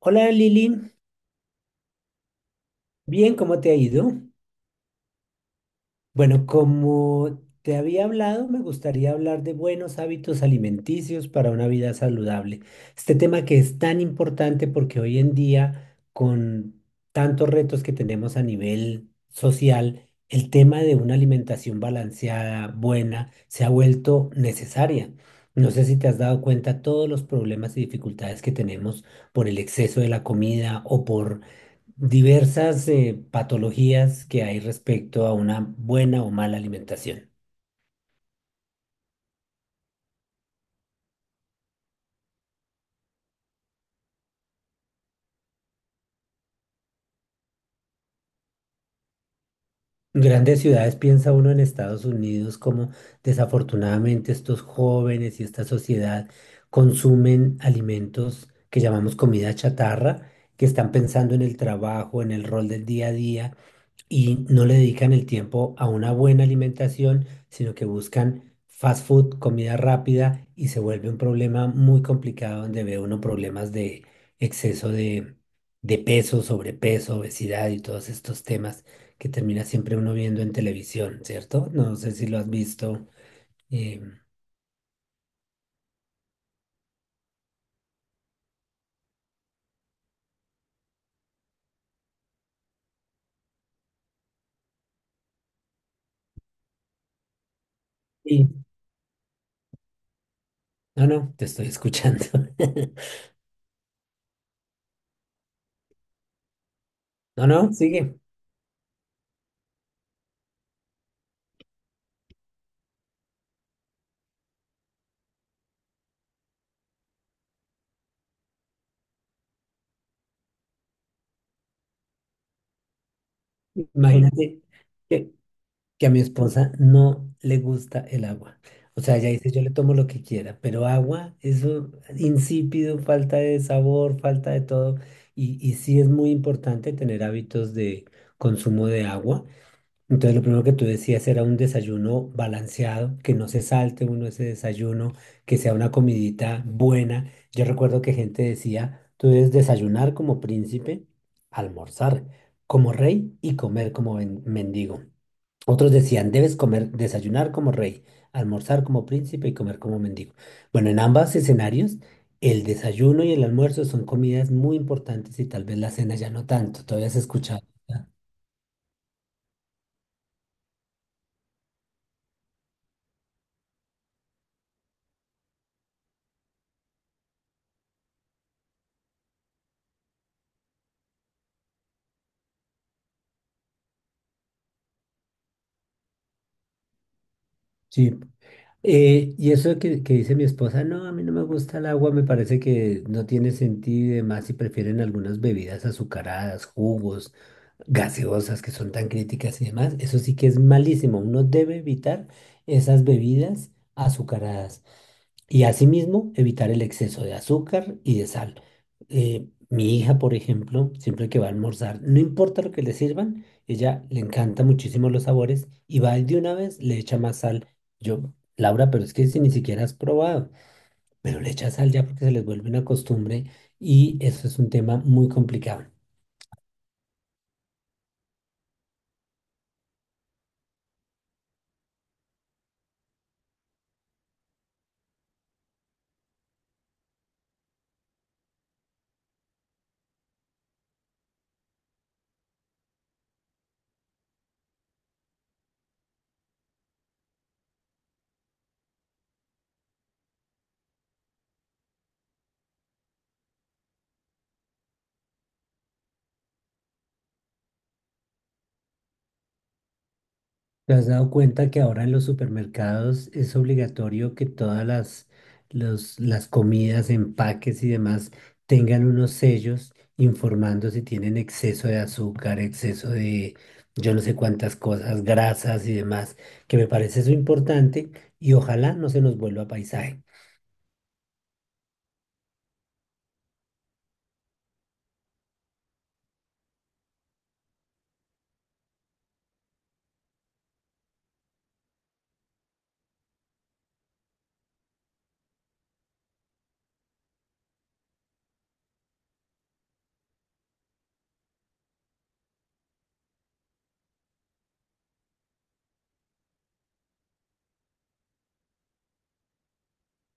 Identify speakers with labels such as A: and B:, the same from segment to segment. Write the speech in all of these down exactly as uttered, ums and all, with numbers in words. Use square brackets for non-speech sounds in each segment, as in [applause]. A: Hola Lili, bien, ¿cómo te ha ido? Bueno, como te había hablado, me gustaría hablar de buenos hábitos alimenticios para una vida saludable. Este tema que es tan importante porque hoy en día, con tantos retos que tenemos a nivel social, el tema de una alimentación balanceada, buena, se ha vuelto necesaria. No sé si te has dado cuenta todos los problemas y dificultades que tenemos por el exceso de la comida o por diversas eh, patologías que hay respecto a una buena o mala alimentación. Grandes ciudades piensa uno en Estados Unidos como desafortunadamente estos jóvenes y esta sociedad consumen alimentos que llamamos comida chatarra, que están pensando en el trabajo, en el rol del día a día y no le dedican el tiempo a una buena alimentación, sino que buscan fast food, comida rápida, y se vuelve un problema muy complicado donde ve uno problemas de exceso de, de peso, sobrepeso, obesidad y todos estos temas que termina siempre uno viendo en televisión, ¿cierto? No sé si lo has visto. eh, y- no, no, te estoy escuchando. [laughs] No, no, sigue. Imagínate que que a mi esposa no le gusta el agua. O sea, ella dice, yo le tomo lo que quiera, pero agua, eso insípido, falta de sabor, falta de todo. Y, y sí es muy importante tener hábitos de consumo de agua. Entonces, lo primero que tú decías era un desayuno balanceado, que no se salte uno ese desayuno, que sea una comidita buena. Yo recuerdo que gente decía, tú debes desayunar como príncipe, almorzar como rey y comer como ven- mendigo. Otros decían, debes comer, desayunar como rey, almorzar como príncipe y comer como mendigo. Bueno, en ambos escenarios, el desayuno y el almuerzo son comidas muy importantes y tal vez la cena ya no tanto. Todavía has escuchado. ¿Verdad? Sí. Eh, y eso que, que dice mi esposa, no, a mí no me gusta el agua, me parece que no tiene sentido y demás, si prefieren algunas bebidas azucaradas, jugos, gaseosas que son tan críticas y demás. Eso sí que es malísimo. Uno debe evitar esas bebidas azucaradas. Y asimismo, evitar el exceso de azúcar y de sal. Eh, mi hija, por ejemplo, siempre que va a almorzar, no importa lo que le sirvan, ella le encanta muchísimo los sabores y va y de una vez le echa más sal. Yo, Laura, pero es que si ni siquiera has probado, pero le echa sal ya porque se les vuelve una costumbre y eso es un tema muy complicado. ¿Te has dado cuenta que ahora en los supermercados es obligatorio que todas las, los- las comidas, empaques y demás tengan unos sellos informando si tienen exceso de azúcar, exceso de yo no sé cuántas cosas, grasas y demás? Que me parece eso importante y ojalá no se nos vuelva paisaje.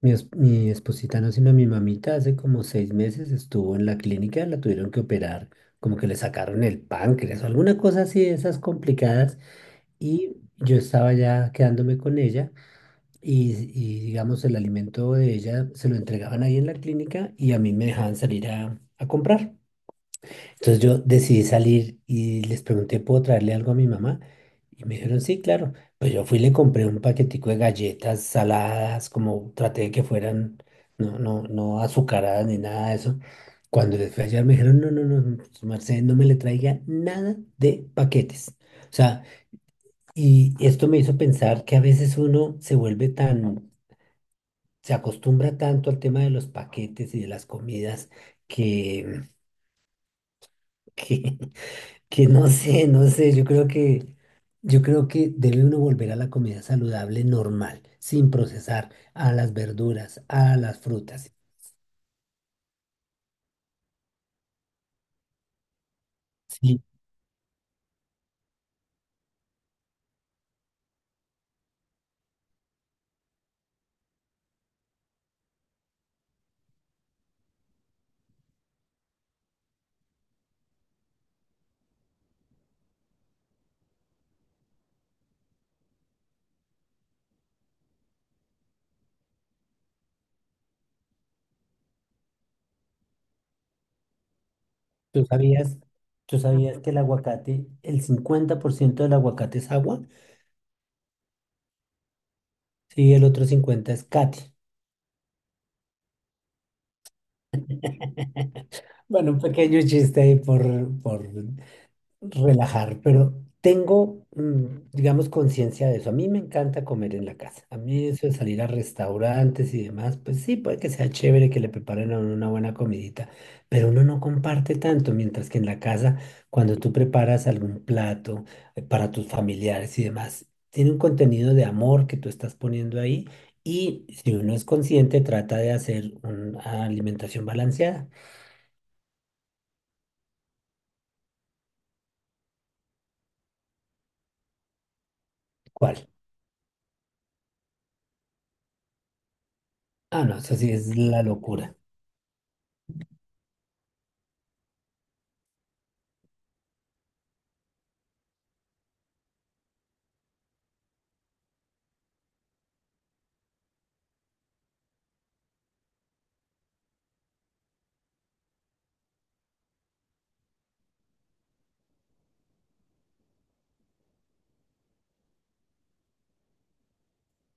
A: Mi, es- mi esposita, no, sino mi mamita, hace como seis meses estuvo en la clínica, la tuvieron que operar, como que le sacaron el páncreas o alguna cosa así de esas complicadas. Y yo estaba ya quedándome con ella y, y, digamos, el alimento de ella se lo entregaban ahí en la clínica y a mí me dejaban salir a, a comprar. Entonces yo decidí salir y les pregunté, ¿puedo traerle algo a mi mamá? Y me dijeron, sí, claro. Pues yo fui y le compré un paquetico de galletas saladas, como traté de que fueran, no, no, no azucaradas ni nada de eso. Cuando les fui a hallar me dijeron, no, no, no, Mercedes, no me le traiga nada de paquetes. O sea, y esto me hizo pensar que a veces uno se vuelve tan, se acostumbra tanto al tema de los paquetes y de las comidas que, que, [laughs] que no sé, no sé, yo creo que, yo creo que debe uno volver a la comida saludable normal, sin procesar, a las verduras, a las frutas. Sí, tú sabías, tú sabías que el aguacate, el cincuenta por ciento del aguacate es agua, sí, el otro cincuenta es cati. [laughs] Bueno, un pequeño chiste ahí por, por relajar, pero tengo, mm, digamos, conciencia de eso. A mí me encanta comer en la casa. A mí eso de salir a restaurantes y demás, pues sí, puede que sea chévere que le preparen a uno una buena comidita, pero uno no comparte tanto, mientras que en la casa, cuando tú preparas algún plato eh, para tus familiares y demás, tiene un contenido de amor que tú estás poniendo ahí. Y si uno es consciente, trata de hacer una alimentación balanceada. ¿Cuál? Ah, no, eso sí es la locura.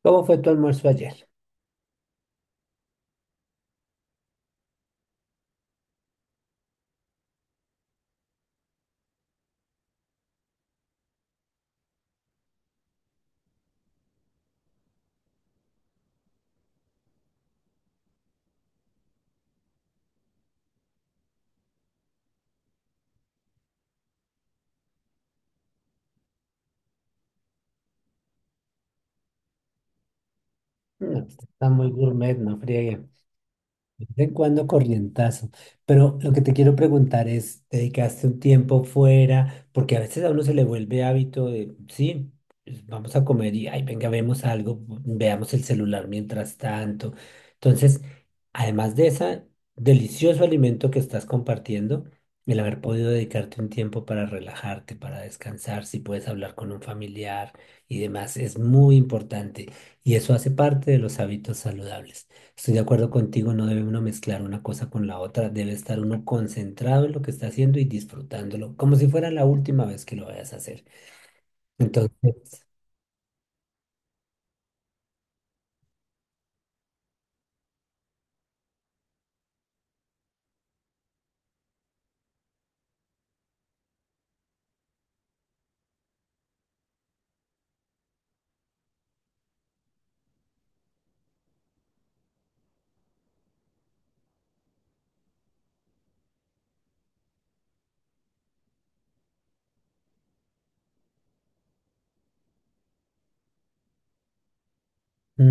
A: ¿Cómo fue tu almuerzo ayer? No, pues, está muy gourmet, no friegue. De vez en cuando corrientazo. Pero lo que te quiero preguntar es, ¿dedicaste un tiempo fuera? Porque a veces a uno se le vuelve hábito de, sí, pues, vamos a comer y, ay, venga, vemos algo, veamos el celular mientras tanto. Entonces, además de ese delicioso alimento que estás compartiendo, el haber podido dedicarte un tiempo para relajarte, para descansar, si puedes hablar con un familiar y demás, es muy importante. Y eso hace parte de los hábitos saludables. Estoy de acuerdo contigo, no debe uno mezclar una cosa con la otra, debe estar uno concentrado en lo que está haciendo y disfrutándolo, como si fuera la última vez que lo vayas a hacer. Entonces, mm,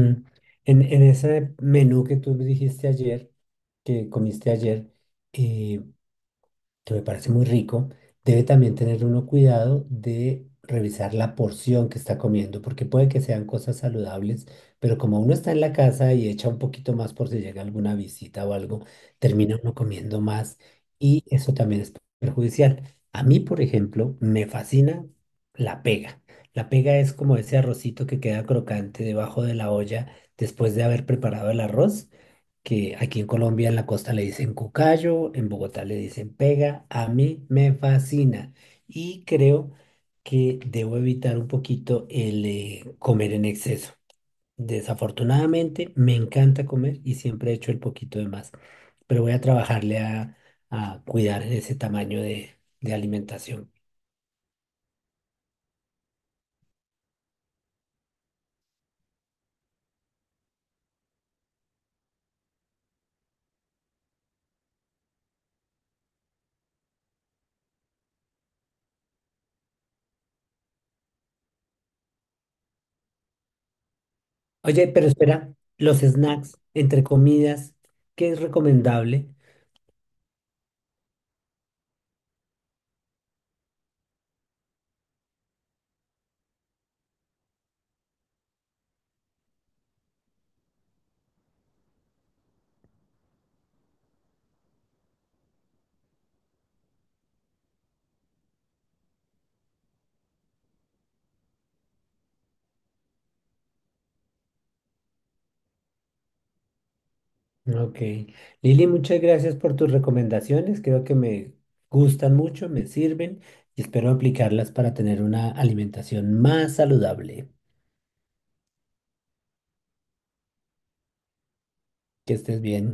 A: en, en ese menú que tú dijiste ayer, que comiste ayer, eh, que me parece muy rico, debe también tener uno cuidado de revisar la porción que está comiendo, porque puede que sean cosas saludables, pero como uno está en la casa y echa un poquito más por si llega alguna visita o algo, termina uno comiendo más y eso también es perjudicial. A mí, por ejemplo, me fascina la pega. La pega es como ese arrocito que queda crocante debajo de la olla después de haber preparado el arroz que aquí en Colombia en la costa le dicen cucayo, en Bogotá le dicen pega, a mí me fascina y creo que debo evitar un poquito el eh, comer en exceso. Desafortunadamente me encanta comer y siempre he hecho el poquito de más, pero voy a trabajarle a, a cuidar ese tamaño de, de alimentación. Oye, pero espera, los snacks entre comidas, ¿qué es recomendable? Ok. Lili, muchas gracias por tus recomendaciones. Creo que me gustan mucho, me sirven y espero aplicarlas para tener una alimentación más saludable. Que estés bien.